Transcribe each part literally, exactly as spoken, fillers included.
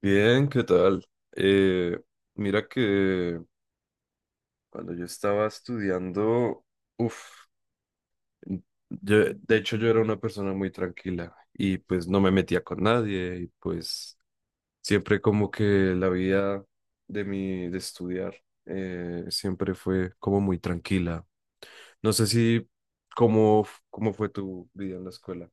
Bien, ¿qué tal? Eh, Mira que cuando yo estaba estudiando, uff, yo, de hecho yo era una persona muy tranquila y pues no me metía con nadie, y pues siempre como que la vida de mi, de estudiar, eh, siempre fue como muy tranquila. No sé si cómo, f- cómo fue tu vida en la escuela.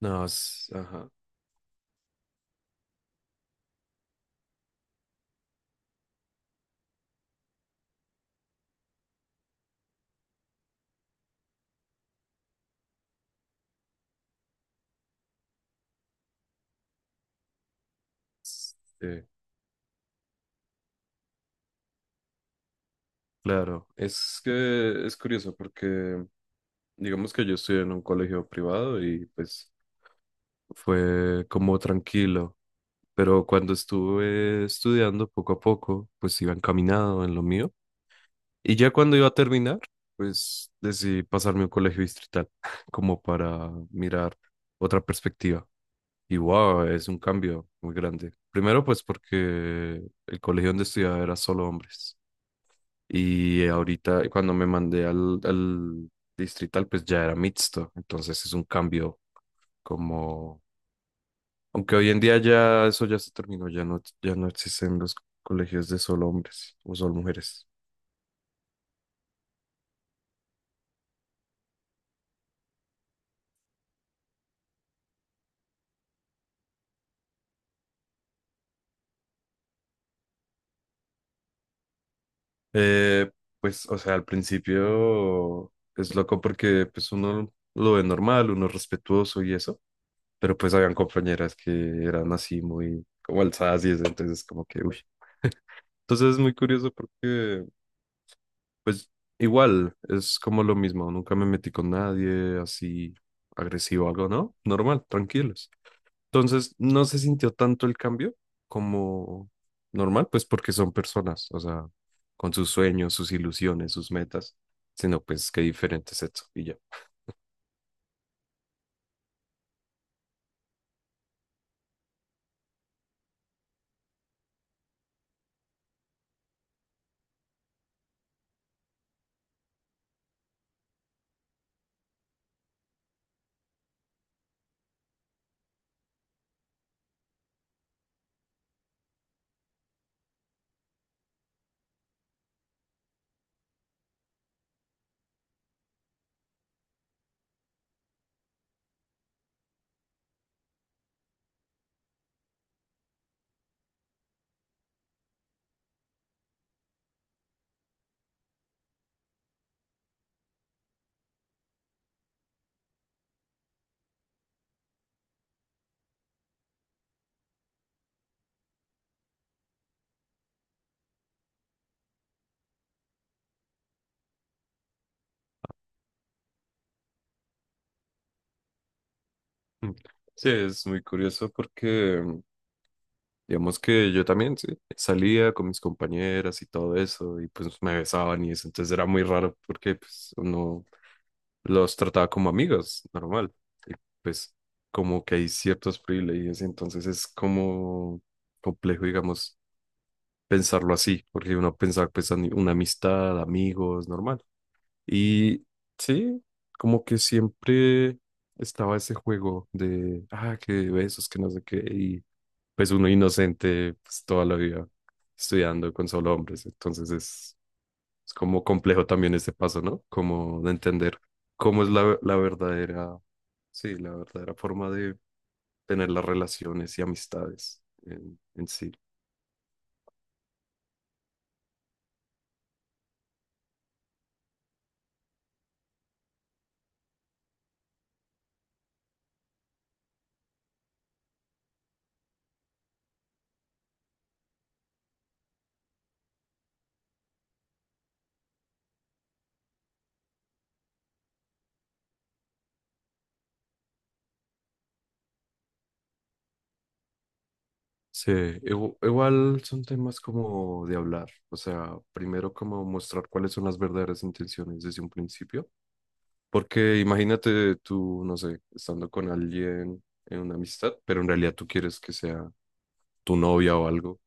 No, es- ajá. Sí, claro. Es que es curioso porque digamos que yo estudié en un colegio privado y pues fue como tranquilo, pero cuando estuve estudiando poco a poco, pues iba encaminado en lo mío. Y ya cuando iba a terminar, pues decidí pasarme a un colegio distrital, como para mirar otra perspectiva. Y wow, es un cambio muy grande. Primero pues porque el colegio donde estudiaba era solo hombres. Y ahorita cuando me mandé al, al distrital, pues ya era mixto. Entonces es un cambio como, aunque hoy en día ya eso ya se terminó, ya no, ya no existen los colegios de solo hombres o solo mujeres. Eh, pues, o sea, al principio es loco porque pues uno lo ve normal, uno es respetuoso y eso, pero pues habían compañeras que eran así muy como alzadas y eso, entonces como que, uy. Entonces es muy curioso porque, pues, igual, es como lo mismo, nunca me metí con nadie así agresivo o algo, ¿no? Normal, tranquilo. Entonces, no se sintió tanto el cambio como normal, pues porque son personas, o sea, con sus sueños, sus ilusiones, sus metas, sino pues que diferente es eso y ya. Mm. Sí, es muy curioso porque mm, digamos que yo también, sí, salía con mis compañeras y todo eso y pues me besaban y eso, entonces era muy raro porque pues uno los trataba como amigos, normal, y pues como que hay ciertos privilegios, entonces es como complejo, digamos pensarlo así, porque uno pensaba pues ani- una amistad, amigos, normal. Y sí, como que siempre estaba ese juego de, ah, que besos, que no sé qué, y pues uno inocente pues, toda la vida estudiando con solo hombres, entonces es, es como complejo también ese paso, ¿no? Como de entender cómo es la, la verdadera, sí, la verdadera forma de tener las relaciones y amistades en, en sí. Sí, igu- igual son temas como de hablar, o sea, primero como mostrar cuáles son las verdaderas intenciones desde un principio, porque imagínate tú, no sé, estando con alguien en una amistad, pero en realidad tú quieres que sea tu novia o algo,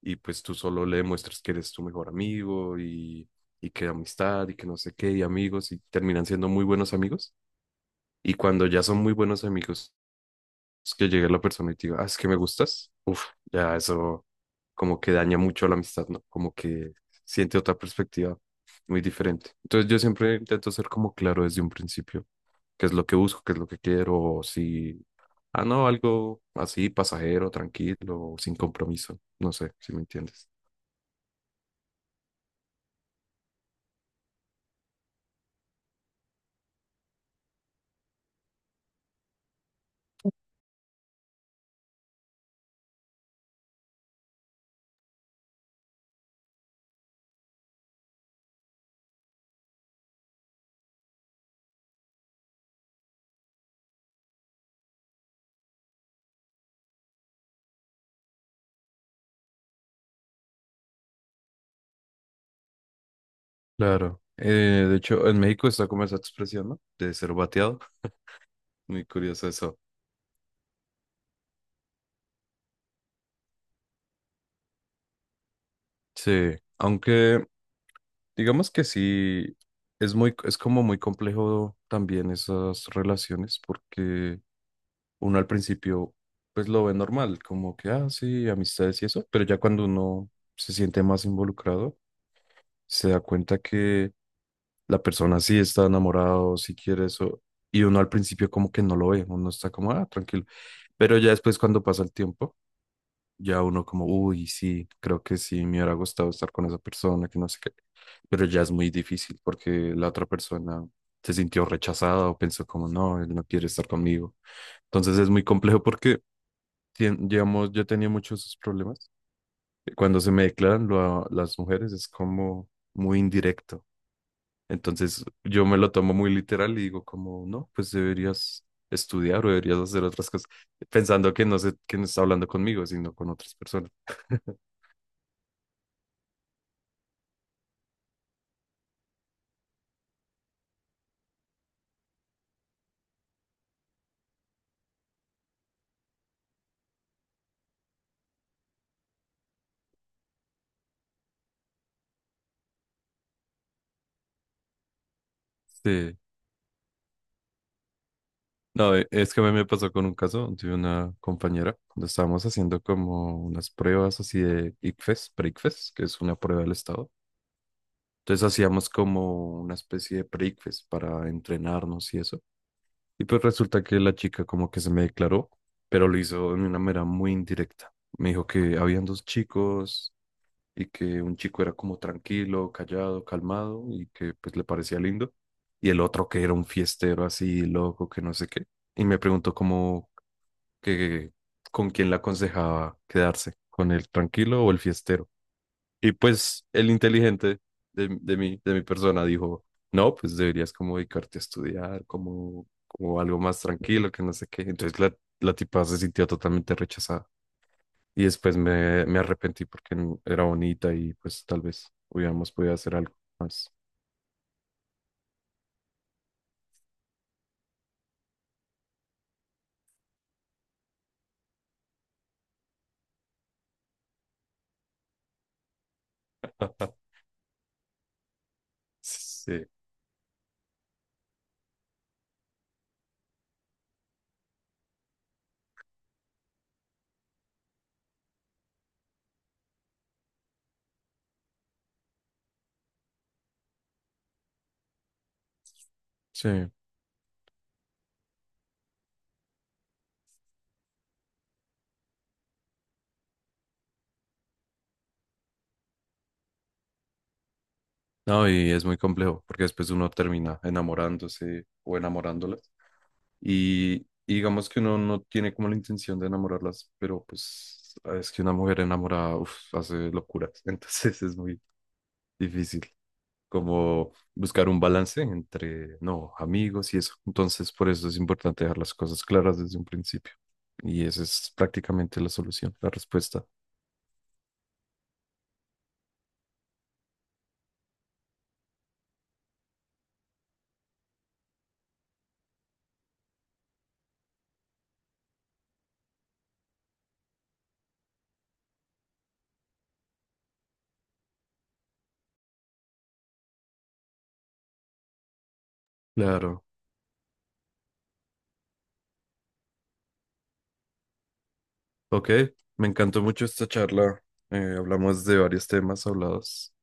y pues tú solo le demuestras que eres tu mejor amigo y, y que amistad y que no sé qué, y amigos, y terminan siendo muy buenos amigos, y cuando ya son muy buenos amigos, es que llegue la persona y te diga, ah, es que me gustas, uff, ya eso como que daña mucho la amistad, ¿no? Como que siente otra perspectiva muy diferente. Entonces yo siempre intento ser como claro desde un principio, qué es lo que busco, qué es lo que quiero, o si, ah, no, algo así, pasajero, tranquilo, sin compromiso, no sé si me entiendes. Claro. Eh, de hecho, en México está como esa expresión, ¿no? De ser bateado. Muy curioso eso. Sí, aunque digamos que sí, es muy, es como muy complejo también esas relaciones porque uno al principio pues lo ve normal, como que, ah, sí, amistades y eso, pero ya cuando uno se siente más involucrado, se da cuenta que la persona sí está enamorada o sí quiere eso, y uno al principio como que no lo ve, uno está como, ah, tranquilo, pero ya después cuando pasa el tiempo, ya uno como, uy, sí, creo que sí, me hubiera gustado estar con esa persona, que no sé qué, pero ya es muy difícil porque la otra persona se sintió rechazada o pensó como no, él no quiere estar conmigo. Entonces es muy complejo porque tien- digamos, yo tenía muchos esos problemas. Cuando se me declaran lo- las mujeres es como muy indirecto. Entonces yo me lo tomo muy literal y digo como, no, pues deberías estudiar o deberías hacer otras cosas, pensando que no sé quién está hablando conmigo, sino con otras personas. Sí, no, e- es que a mí me pasó con un caso de una compañera, cuando estábamos haciendo como unas pruebas así de ICFES, pre-ICFES, que es una prueba del estado. Entonces hacíamos como una especie de pre-quiz para entrenarnos y eso. Y pues resulta que la chica como que se me declaró, pero lo hizo de una manera muy indirecta. Me dijo que habían dos chicos y que un chico era como tranquilo, callado, calmado y que pues le parecía lindo. Y el otro que era un fiestero así loco, que no sé qué. Y me preguntó como que con quién le aconsejaba quedarse, con el tranquilo o el fiestero. Y pues el inteligente de, de mi, de mi persona dijo, no, pues deberías como dedicarte a estudiar, como, como algo más tranquilo, que no sé qué. Entonces la, la tipa se sintió totalmente rechazada. Y después me, me arrepentí porque n- era bonita y pues tal vez hubiéramos podido hacer algo más. Sí, sí. No, y es muy complejo porque después uno termina enamorándose o enamorándola. Y, y digamos que uno no tiene como la intención de enamorarlas, pero pues ah, es que una mujer enamorada uf, hace locuras, entonces es muy difícil como buscar un balance entre, no, amigos y eso. Entonces por eso es importante dejar las cosas claras desde un principio. Y esa es prácticamente la solución, la respuesta. Claro. Ok, me encantó mucho esta charla. Eh, hablamos de varios temas hablados.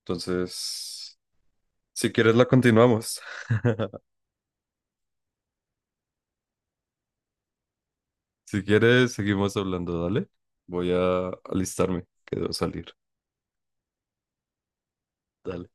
Entonces, si quieres, la continuamos. Si quieres, seguimos hablando, dale. Voy a alistarme, que debo salir. Dale.